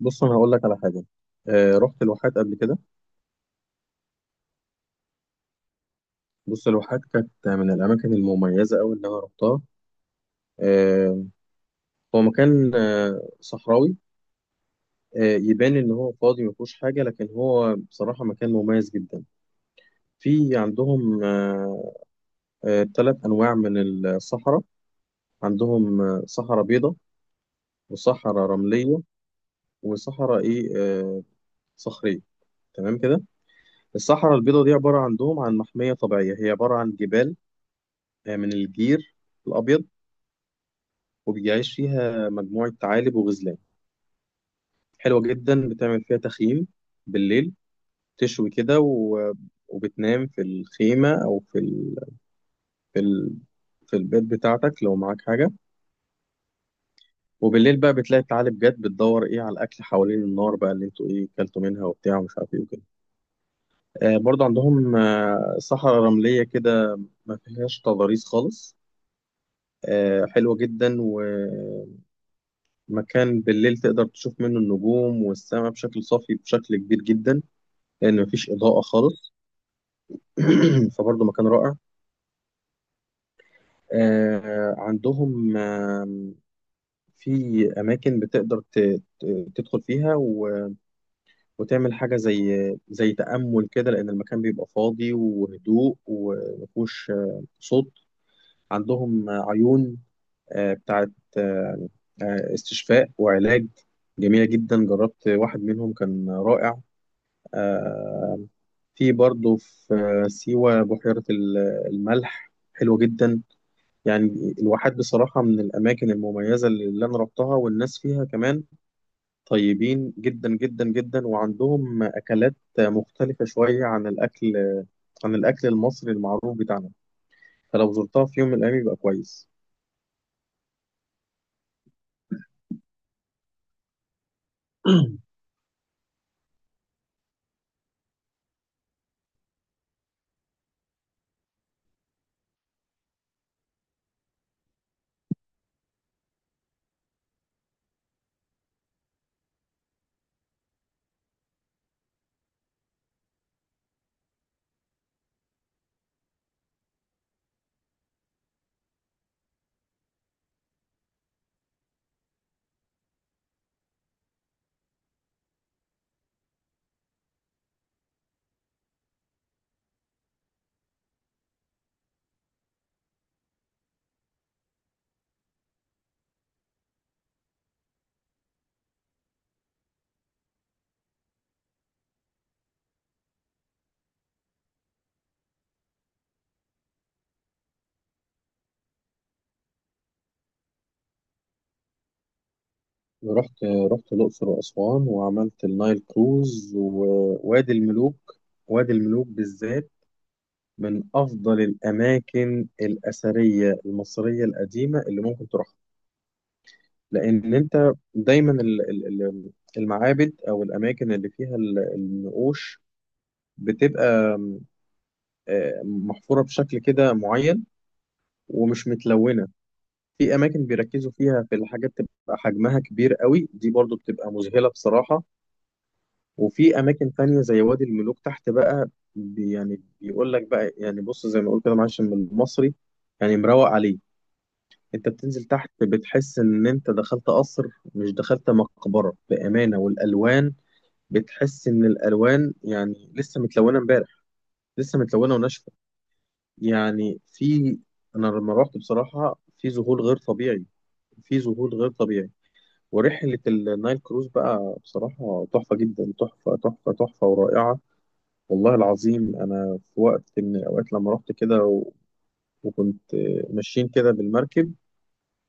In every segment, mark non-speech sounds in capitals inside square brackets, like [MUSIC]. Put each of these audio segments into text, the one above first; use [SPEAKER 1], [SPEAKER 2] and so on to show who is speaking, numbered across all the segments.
[SPEAKER 1] بص انا هقول لك على حاجه. رحت الواحات قبل كده. بص، الواحات كانت من الاماكن المميزه قوي اللي انا رحتها. آه هو مكان صحراوي. يبان ان هو فاضي ما فيهوش حاجه، لكن هو بصراحه مكان مميز جدا. في عندهم ثلاث آه آه تلات انواع من الصحراء. عندهم صحراء بيضاء، وصحراء رمليه، وصحراء ايه آه صخريه. تمام كده. الصحراء البيضاء دي عباره عندهم عن محميه طبيعيه، هي عباره عن جبال من الجير الابيض، وبيعيش فيها مجموعة ثعالب وغزلان. حلوة جدا، بتعمل فيها تخييم بالليل، تشوي كده، وبتنام في الخيمة أو في ال... في البيت بتاعتك لو معاك حاجة. وبالليل بقى بتلاقي الثعالب جت بتدور إيه على الأكل حوالين النار بقى، اللي أنتوا إيه كلتوا منها وبتاع، ومش عارف إيه وكده. برضه عندهم صحراء رملية كده، ما فيهاش تضاريس خالص. حلوة جدا، ومكان بالليل تقدر تشوف منه النجوم والسماء بشكل صافي، بشكل كبير جدا، لأن مفيش إضاءة خالص. [CLEARS THROAT] فبرضه مكان رائع. آه، عندهم آه، في أماكن بتقدر تدخل فيها وتعمل حاجة زي تأمل كده، لأن المكان بيبقى فاضي وهدوء ومفهوش صوت. عندهم عيون آه، بتاعت آه، آه، استشفاء وعلاج، جميلة جدا. جربت واحد منهم كان رائع. آه، في برضه في سيوة بحيرة الملح حلوة جدا. يعني الواحات بصراحة من الأماكن المميزة اللي أنا رحتها، والناس فيها كمان طيبين جدا جدا جدا، وعندهم أكلات مختلفة شوية عن الأكل، عن الأكل المصري المعروف بتاعنا. فلو زرتها في يوم من الأيام يبقى كويس. رحت رحت الأقصر وأسوان، وعملت النايل كروز ووادي الملوك. وادي الملوك بالذات من أفضل الأماكن الأثرية المصرية القديمة اللي ممكن تروحها. لان انت دايما المعابد او الاماكن اللي فيها النقوش بتبقى محفوره بشكل كده معين، ومش متلونه. في اماكن بيركزوا فيها في الحاجات تبقى حجمها كبير قوي، دي برضو بتبقى مذهله بصراحه. وفي اماكن تانية زي وادي الملوك تحت بقى، يعني بيقول لك بقى، يعني بص زي ما بقول كده، معلش بالمصري، يعني مروق عليه. انت بتنزل تحت بتحس ان انت دخلت قصر، مش دخلت مقبره، بامانه. والالوان بتحس ان الالوان يعني لسه متلونه امبارح، لسه متلونه وناشفه. يعني في، انا لما روحت بصراحه في ذهول غير طبيعي، في ذهول غير طبيعي. ورحله النايل كروز بقى بصراحه تحفه جدا، تحفه تحفه تحفه ورائعه. والله العظيم انا في وقت من الاوقات لما رحت كده وكنت ماشيين كده بالمركب،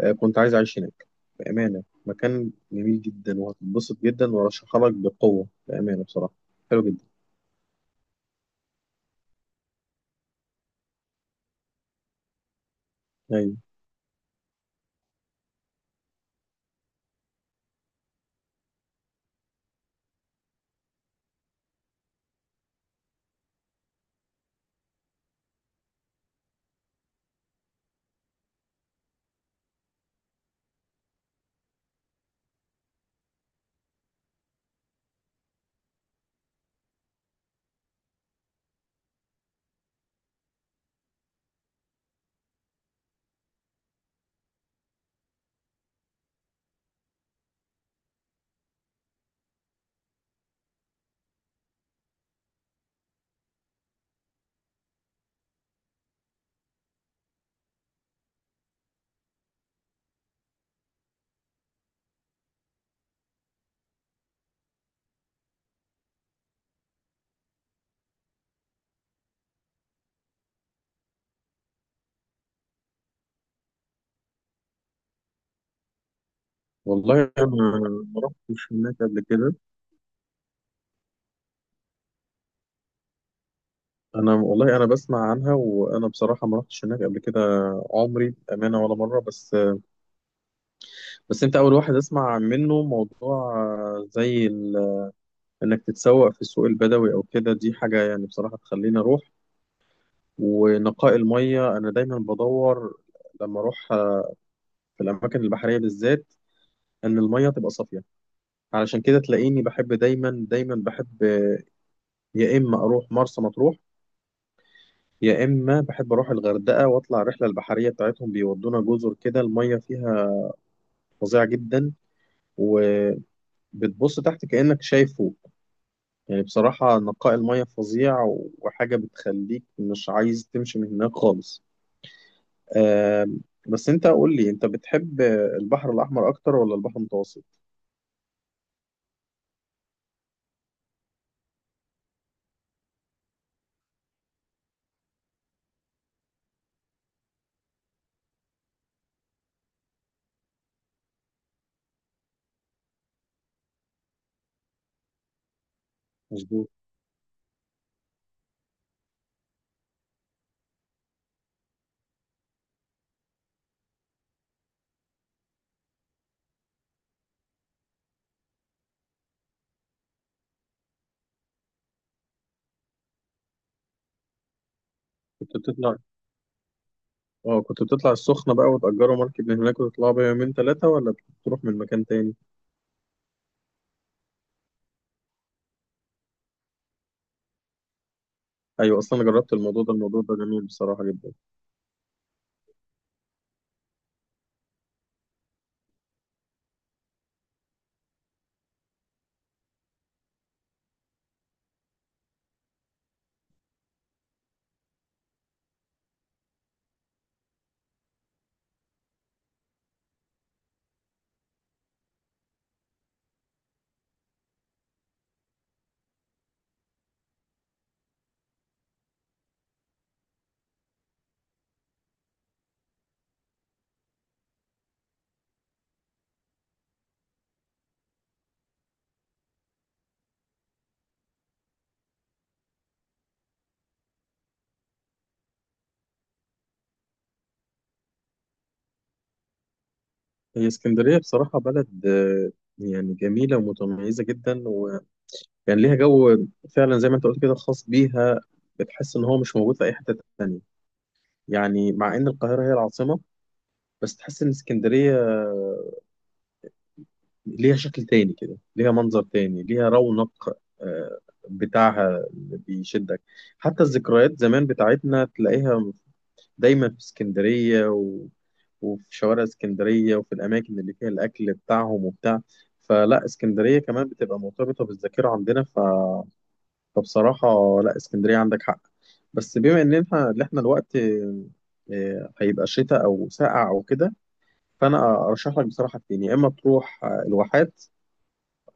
[SPEAKER 1] كنت عايز اعيش هناك بامانه. مكان جميل جدا وهتتبسط جدا، وارشحها لك بقوه بامانه بصراحه. حلو جدا. أيوة. والله انا ما رحتش هناك قبل كده. انا والله انا بسمع عنها، وانا بصراحه ما رحتش هناك قبل كده عمري، بامانه، ولا مره. بس بس انت اول واحد اسمع منه موضوع زي انك تتسوق في السوق البدوي او كده، دي حاجه يعني بصراحه تخليني اروح. ونقاء الميه، انا دايما بدور لما اروح في الاماكن البحريه بالذات ان الميه تبقى صافيه. علشان كده تلاقيني بحب دايما، دايما بحب يا اما اروح مرسى مطروح، يا اما بحب اروح الغردقه واطلع الرحله البحريه بتاعتهم، بيودونا جزر كده الميه فيها فظيعه جدا، وبتبص تحت كانك شايف فوق. يعني بصراحه نقاء الميه فظيع، وحاجه بتخليك مش عايز تمشي من هناك خالص. آم، بس انت قول لي، انت بتحب البحر الاحمر اكتر ولا البحر المتوسط؟ مظبوط. كنت بتطلع، اه كنت بتطلع السخنه بقى وتأجروا مركب من هناك وتطلعوا بيها يومين ثلاثه، ولا بتروح من مكان تاني؟ ايوه، اصلا أنا جربت الموضوع ده، الموضوع ده جميل بصراحه جدا. هي اسكندرية بصراحة بلد يعني جميلة ومتميزة جدا، وكان ليها جو فعلا زي ما انت قلت كده خاص بيها، بتحس ان هو مش موجود في اي حتة تانية. يعني مع ان القاهرة هي العاصمة، بس تحس ان اسكندرية ليها شكل تاني كده، ليها منظر تاني، ليها رونق آه، بتاعها اللي بيشدك. حتى الذكريات زمان بتاعتنا تلاقيها دايما في اسكندرية، وفي شوارع اسكندرية، وفي الأماكن اللي فيها الأكل بتاعهم وبتاع. فلا، اسكندرية كمان بتبقى مرتبطة بالذاكرة عندنا، فبصراحة لا، اسكندرية عندك حق. بس بما إن إحنا اللي إحنا الوقت هيبقى شتاء أو ساقع أو كده، فأنا أرشح لك بصراحة اتنين، يا إما تروح الواحات،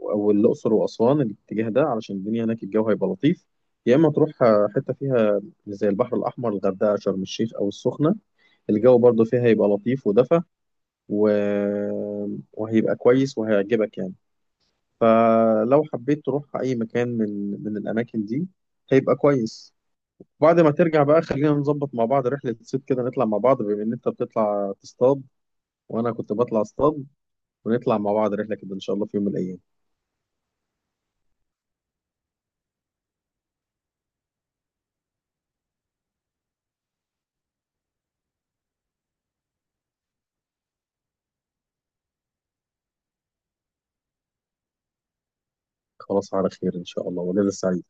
[SPEAKER 1] أو الأقصر وأسوان، الاتجاه ده علشان الدنيا هناك الجو هيبقى لطيف، يا إما تروح حتة فيها زي البحر الأحمر، الغردقة، شرم الشيخ أو السخنة، الجو برضو فيها هيبقى لطيف ودفى، و... وهيبقى كويس وهيعجبك يعني. فلو حبيت تروح أي مكان من الأماكن دي هيبقى كويس. بعد ما ترجع بقى خلينا نظبط مع بعض رحلة صيد كده، نطلع مع بعض، بما إن أنت بتطلع تصطاد وأنا كنت بطلع اصطاد، ونطلع مع بعض رحلة كده إن شاء الله في يوم من الأيام. خلاص، على خير إن شاء الله، وليلة سعيدة.